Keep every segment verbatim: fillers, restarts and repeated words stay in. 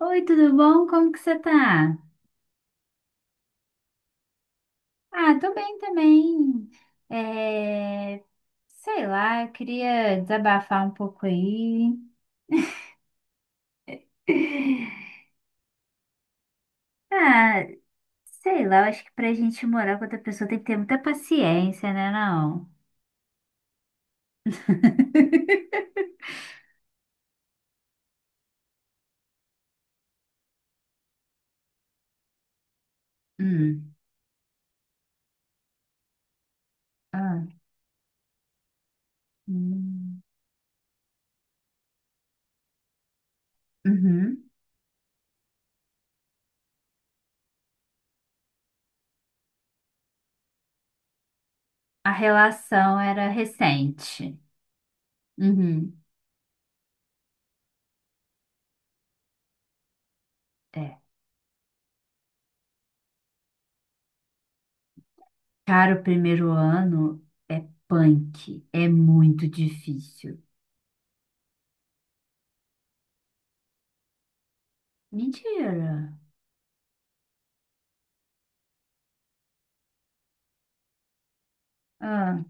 Oi, tudo bom? Como que você tá? Ah, tô bem também. É, sei lá, eu queria desabafar um pouco aí. Ah, sei lá, eu acho que pra gente morar com outra pessoa tem que ter muita paciência, né, não? Hum. Ah. Hum. Uhum. A relação era recente. Uhum. É. Cara, o primeiro ano é punk, é muito difícil. Mentira. Ah,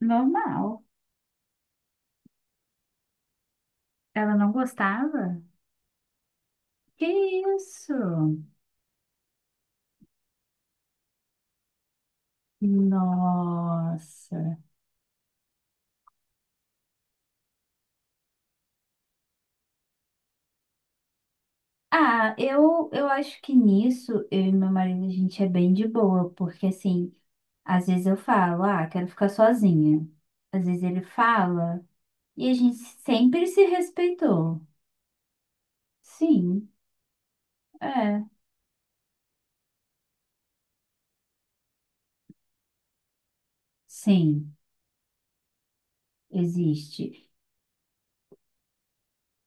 normal. Ela não gostava? Que isso? Nossa. Ah, eu, eu acho que nisso eu e meu marido a gente é bem de boa, porque assim, às vezes eu falo, ah, quero ficar sozinha. Às vezes ele fala, e a gente sempre se respeitou. Sim, é, sim, existe.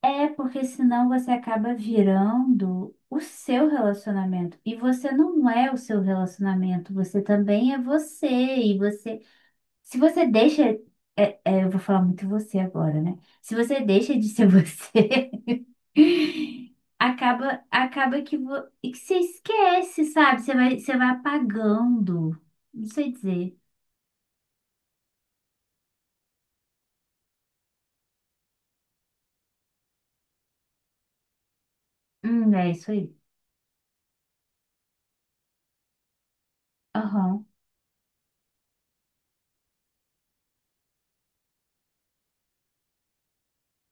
É porque senão você acaba virando o seu relacionamento. E você não é o seu relacionamento, você também é você. E você, se você deixa, é- é, eu vou falar muito você agora, né? Se você deixa de ser você, acaba, acaba que, vo, que você esquece, sabe? Você vai, você vai apagando. Não sei dizer. Hum, é isso aí. Aham.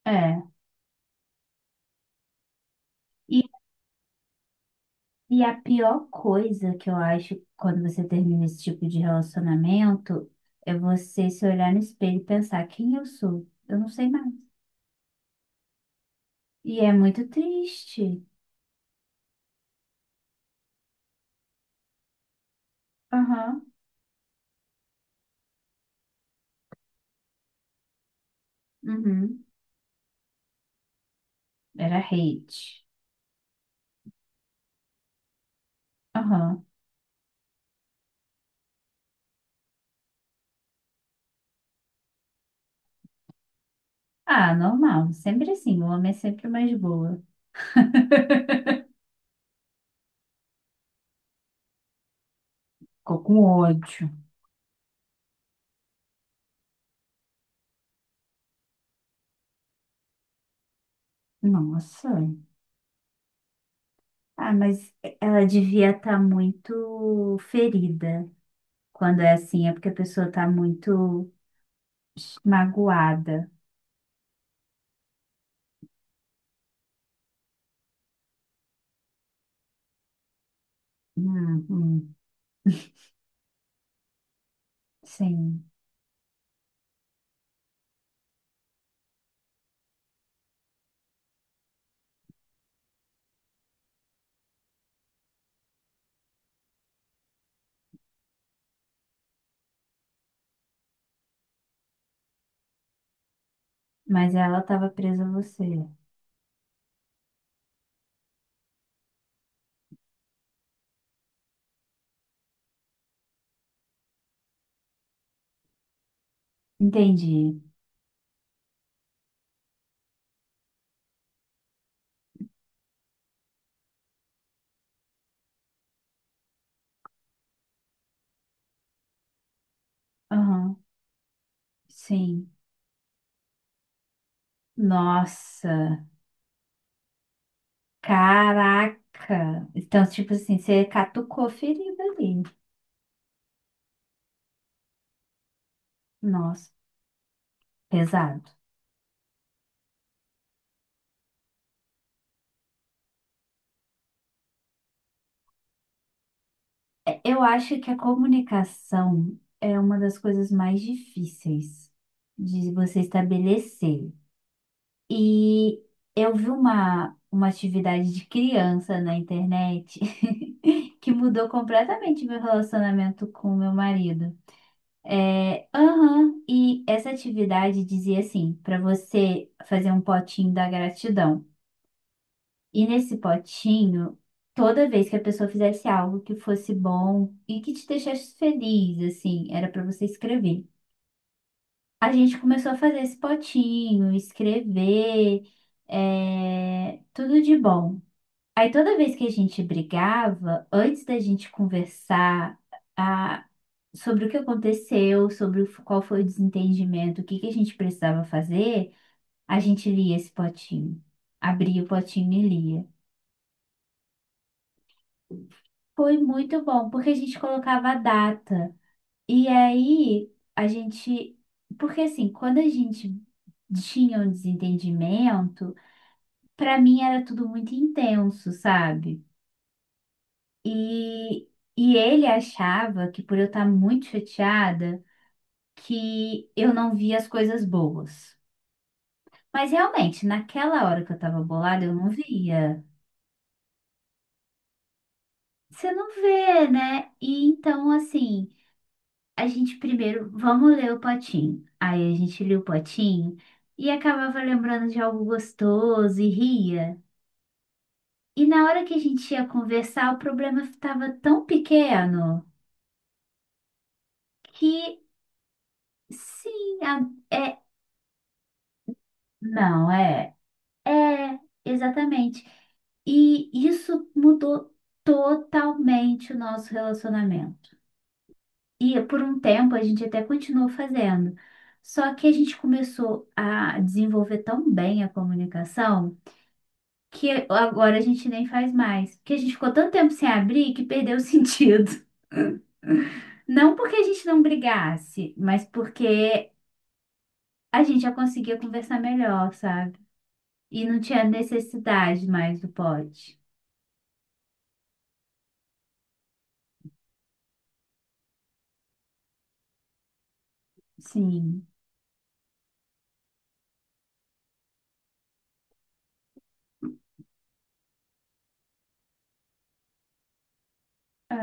É. E a pior coisa que eu acho quando você termina esse tipo de relacionamento é você se olhar no espelho e pensar quem eu sou. Eu não sei mais. E é muito triste. Aham, uhum. Era hate. Aham. Ah, normal. Sempre assim. O homem é sempre o mais boa. Ficou com ódio. Nossa. Ah, mas ela devia estar muito ferida. Quando é assim, é porque a pessoa está muito magoada. hum hum, sim. Mas ela estava presa a você. Entendi. Aham, sim. Nossa, caraca. Então, tipo assim, você catucou ferida ali. Nossa, pesado. É, eu acho que a comunicação é uma das coisas mais difíceis de você estabelecer. E eu vi uma, uma atividade de criança na internet que mudou completamente meu relacionamento com meu marido. Aham, e essa atividade dizia assim, para você fazer um potinho da gratidão. E nesse potinho, toda vez que a pessoa fizesse algo que fosse bom e que te deixasse feliz, assim, era para você escrever. A gente começou a fazer esse potinho, escrever, é, tudo de bom. Aí toda vez que a gente brigava, antes da gente conversar, a sobre o que aconteceu, sobre o qual foi o desentendimento, o que que a gente precisava fazer, a gente lia esse potinho. Abria o potinho e lia. Foi muito bom, porque a gente colocava a data. E aí a gente. Porque assim, quando a gente tinha um desentendimento, para mim era tudo muito intenso, sabe? E, e ele achava que por eu estar muito chateada, que eu não via as coisas boas. Mas realmente, naquela hora que eu tava bolada, eu não via. Você não vê, né? E então, assim, a gente primeiro, vamos ler o potinho. Aí a gente lia o potinho e acabava lembrando de algo gostoso e ria. E na hora que a gente ia conversar, o problema estava tão pequeno que, sim, a- é. Não, é. É, exatamente. E isso mudou totalmente o nosso relacionamento. E por um tempo a gente até continuou fazendo. Só que a gente começou a desenvolver tão bem a comunicação que agora a gente nem faz mais. Porque a gente ficou tanto tempo sem abrir que perdeu o sentido. Não porque a gente não brigasse, mas porque a gente já conseguia conversar melhor, sabe? E não tinha necessidade mais do pote. Sim. É.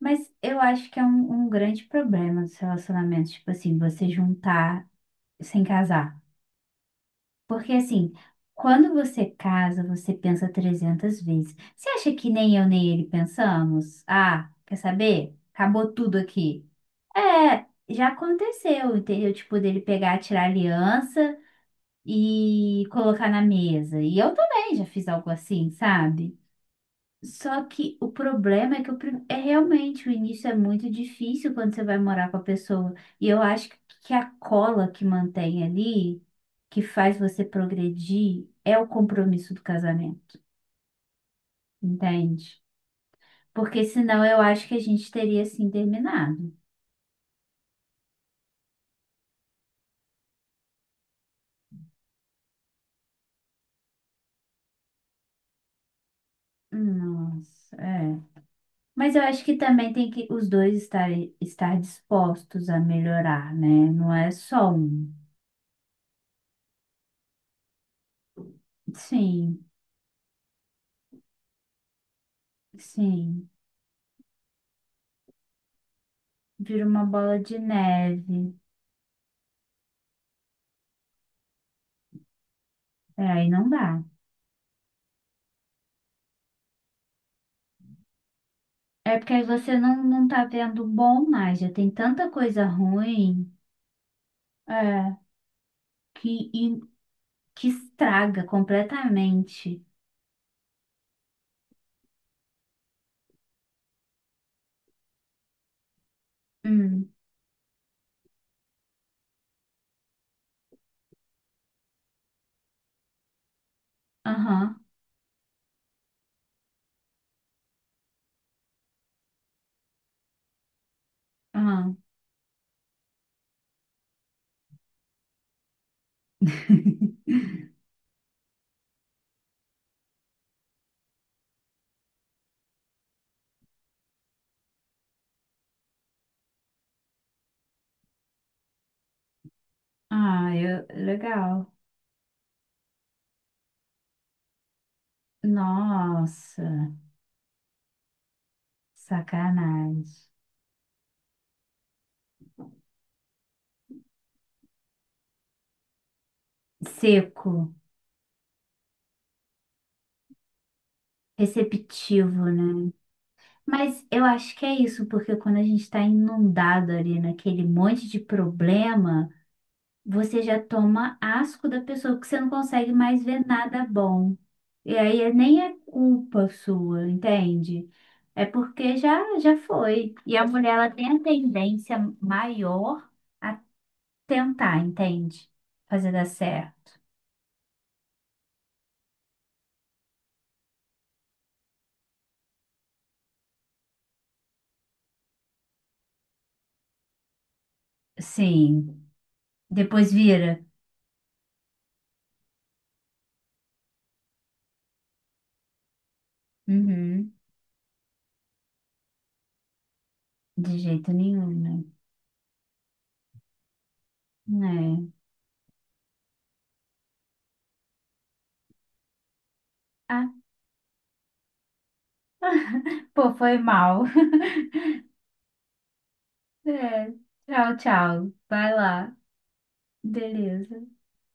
Mas eu acho que é um, um grande problema dos relacionamentos, tipo assim, você juntar sem casar. Porque assim, quando você casa, você pensa trezentas vezes. Você acha que nem eu nem ele pensamos? Ah, quer saber? Acabou tudo aqui. É, já aconteceu, entendeu? Tipo, dele pegar, tirar a aliança e colocar na mesa. E eu também já fiz algo assim, sabe? Só que o problema é que o, prim- é realmente o início é muito difícil quando você vai morar com a pessoa. E eu acho que que a cola que mantém ali, que faz você progredir, é o compromisso do casamento, entende? Porque senão eu acho que a gente teria assim terminado. Nossa, é. Mas eu acho que também tem que os dois estarem estar dispostos a melhorar, né? Não é só um. Sim, sim. Vira uma bola de neve. É, aí não dá. É porque aí você não, não tá vendo bom mais, já tem tanta coisa ruim, é, que, e- que estraga completamente. Hum, aham, aham. Ah, eu, legal. Nossa, sacanagem. Seco, receptivo, né? Mas eu acho que é isso, porque quando a gente está inundado ali naquele monte de problema, você já toma asco da pessoa, porque você não consegue mais ver nada bom. E aí é- nem é culpa sua, entende? É porque já, já foi. E a mulher, ela tem a tendência maior a tentar, entende? Fazer dar certo. Sim. Depois vira. Uhum. De jeito nenhum, né? É. Ah, pô, foi mal. É. Tchau, tchau. Vai lá. Beleza.